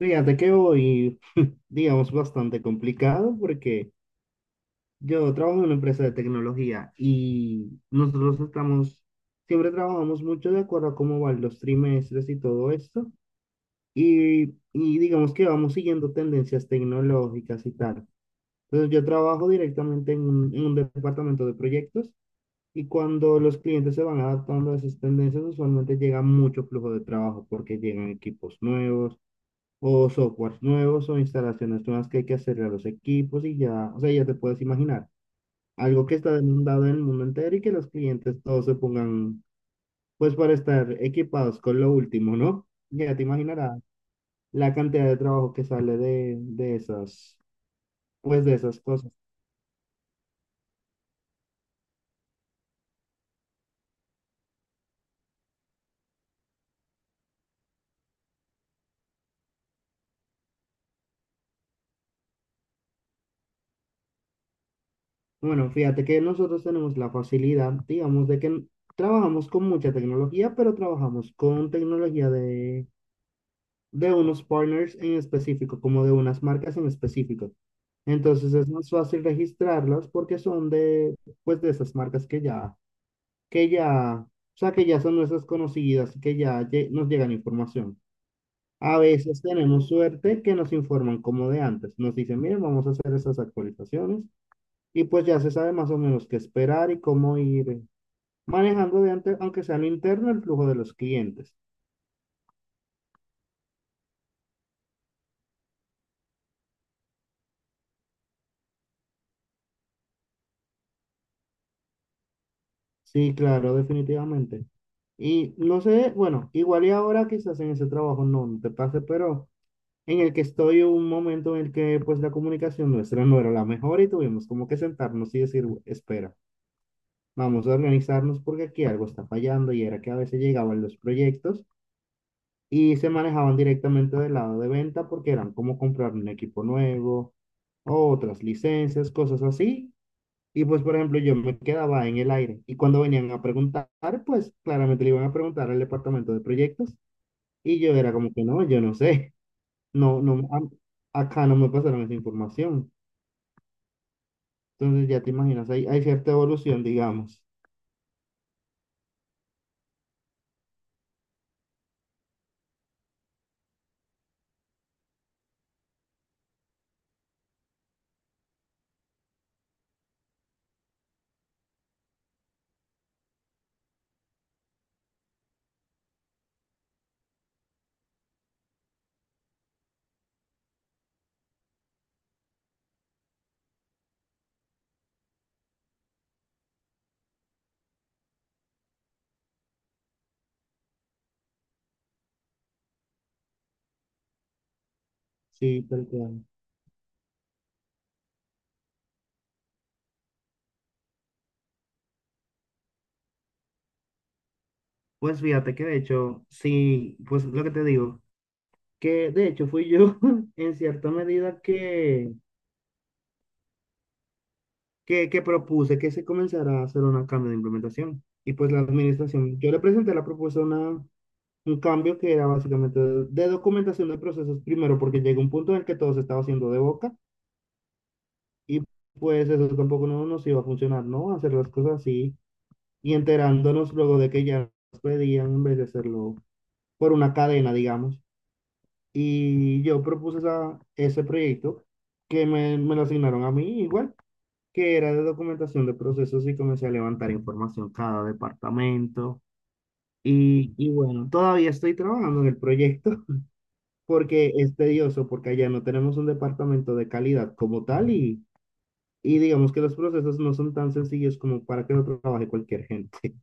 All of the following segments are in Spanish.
Fíjate que voy, digamos, bastante complicado porque yo trabajo en una empresa de tecnología y nosotros estamos, siempre trabajamos mucho de acuerdo a cómo van los trimestres y todo esto. Y, y digamos que vamos siguiendo tendencias tecnológicas y tal. Entonces yo trabajo directamente en un departamento de proyectos y cuando los clientes se van adaptando a esas tendencias, usualmente llega mucho flujo de trabajo porque llegan equipos nuevos o softwares nuevos o instalaciones nuevas que hay que hacerle a los equipos y ya, o sea, ya te puedes imaginar, algo que está demandado en el mundo entero y que los clientes todos se pongan, pues para estar equipados con lo último, ¿no? Ya te imaginarás la cantidad de trabajo que sale de esas, pues de esas cosas. Bueno, fíjate que nosotros tenemos la facilidad, digamos, de que trabajamos con mucha tecnología, pero trabajamos con tecnología de unos partners en específico, como de unas marcas en específico. Entonces es más fácil registrarlas porque son de, pues de esas marcas que ya, o sea, que ya son nuestras conocidas y que ya nos llegan información. A veces tenemos suerte que nos informan como de antes. Nos dicen, miren, vamos a hacer esas actualizaciones y pues ya se sabe más o menos qué esperar y cómo ir manejando de antes, aunque sea al interno, el flujo de los clientes. Sí, claro, definitivamente. Y no sé, bueno, igual y ahora quizás en ese trabajo no te pase, pero en el que estoy un momento en el que pues la comunicación nuestra no era la mejor y tuvimos como que sentarnos y decir, espera, vamos a organizarnos porque aquí algo está fallando y era que a veces llegaban los proyectos y se manejaban directamente del lado de venta porque eran como comprar un equipo nuevo o otras licencias, cosas así. Y pues, por ejemplo, yo me quedaba en el aire y cuando venían a preguntar, pues claramente le iban a preguntar al departamento de proyectos y yo era como que no, yo no sé. No, no, acá no me pasaron esa información. Entonces ya te imaginas, hay cierta evolución, digamos. Sí, tal cual. Pues fíjate que de hecho, sí, pues lo que te digo, que de hecho fui yo en cierta medida que propuse que se comenzara a hacer un cambio de implementación. Y pues la administración, yo le presenté la propuesta una, un cambio que era básicamente de documentación de procesos primero, porque llegó un punto en el que todo se estaba haciendo de boca. Y pues eso tampoco no nos iba a funcionar, ¿no? Hacer las cosas así y enterándonos luego de que ya nos pedían en vez de hacerlo por una cadena, digamos. Y yo propuse ese proyecto que me lo asignaron a mí igual, que era de documentación de procesos y comencé a levantar información cada departamento. Y bueno, todavía estoy trabajando en el proyecto porque es tedioso, porque allá no tenemos un departamento de calidad como tal. Y digamos que los procesos no son tan sencillos como para que lo trabaje cualquier gente.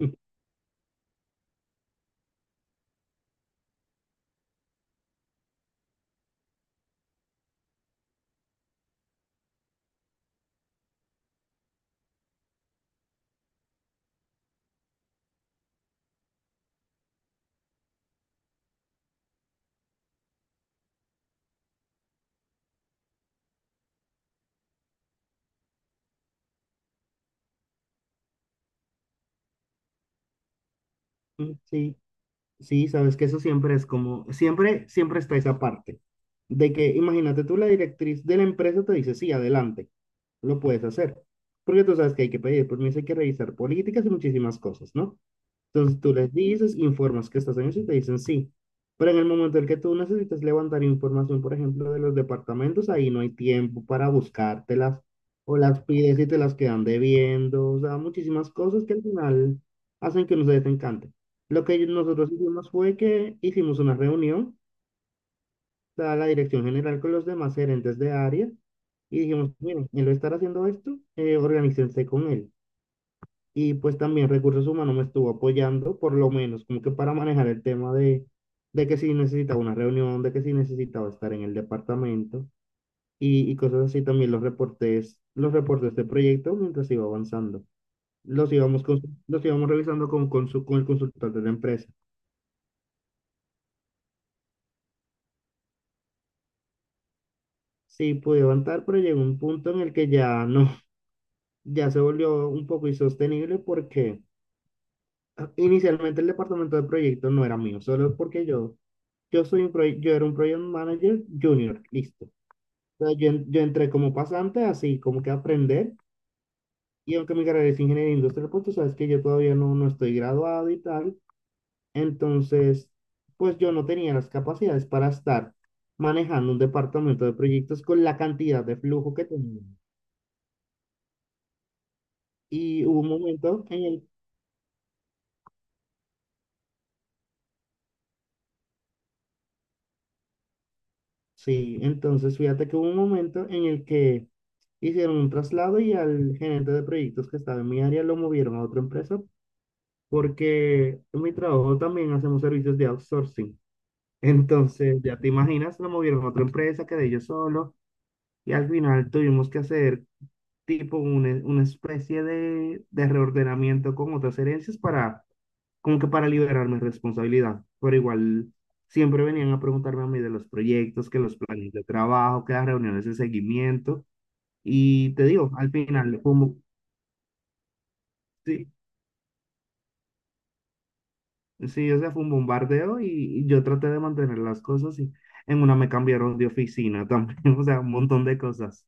Sí, sí, sabes que eso siempre es como, siempre, siempre está esa parte de que, imagínate tú, la directriz de la empresa te dice, sí, adelante, lo puedes hacer. Porque tú sabes que hay que pedir permiso, hay que revisar políticas y muchísimas cosas, ¿no? Entonces tú les dices, informas que estás en eso y te dicen sí. Pero en el momento en que tú necesitas levantar información, por ejemplo, de los departamentos, ahí no hay tiempo para buscártelas o las pides y te las quedan debiendo. O sea, muchísimas cosas que al final hacen que no se desencante. Lo que nosotros hicimos fue que hicimos una reunión, o sea, la dirección general con los demás gerentes de área y dijimos, miren, él va a estar haciendo esto, organícense con él. Y pues también recursos humanos me estuvo apoyando, por lo menos, como que para manejar el tema de que si necesitaba una reunión, de que si necesitaba estar en el departamento y cosas así. También los reportes de proyecto mientras iba avanzando. Los íbamos, los íbamos revisando con, con el consultor de la empresa. Sí, pude avanzar, pero llegó un punto en el que ya no, ya se volvió un poco insostenible porque ah, inicialmente el departamento de proyecto no era mío, solo porque yo. Yo soy un yo era un project manager junior, listo. O sea, yo, yo entré como pasante, así como que a aprender. Y aunque mi carrera es ingeniería industrial, pues tú sabes que yo todavía no estoy graduado y tal. Entonces, pues yo no tenía las capacidades para estar manejando un departamento de proyectos con la cantidad de flujo que tenía. Y hubo un momento en el, sí, entonces fíjate que hubo un momento en el que hicieron un traslado y al gerente de proyectos que estaba en mi área lo movieron a otra empresa porque en mi trabajo también hacemos servicios de outsourcing. Entonces, ya te imaginas, lo movieron a otra empresa, quedé yo solo y al final tuvimos que hacer tipo una especie de reordenamiento con otras herencias para, como que para liberar mi responsabilidad. Pero igual siempre venían a preguntarme a mí de los proyectos, que los planes de trabajo, que las reuniones de seguimiento. Y te digo, al final, como, sí. Sí, o sea, fue un bombardeo y yo traté de mantener las cosas y en una me cambiaron de oficina también, o sea, un montón de cosas.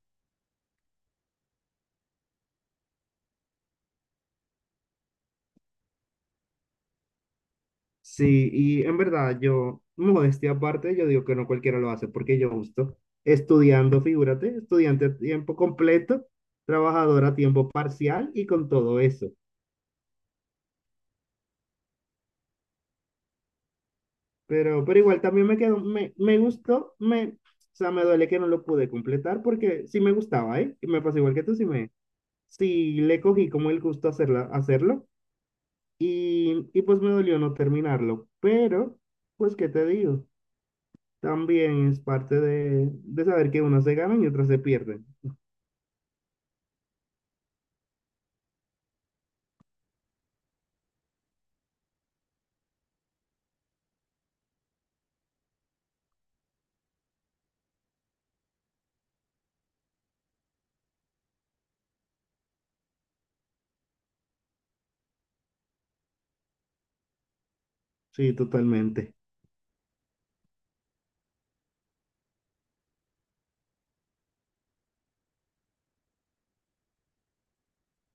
Sí, y en verdad yo, modestia aparte, yo digo que no cualquiera lo hace porque yo justo estudiando, figúrate, estudiante a tiempo completo, trabajador a tiempo parcial y con todo eso. Pero igual también me quedó, me gustó, me, o sea, me duele que no lo pude completar porque sí me gustaba, ¿eh? Y me pasó igual que tú, sí me, sí le cogí como el gusto hacerla, hacerlo. Y pues me dolió no terminarlo, pero pues qué te digo, también es parte de saber que unas se ganan y otras se pierden. Sí, totalmente.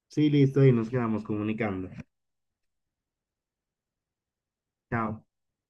Sí, listo, y nos quedamos comunicando. Chao.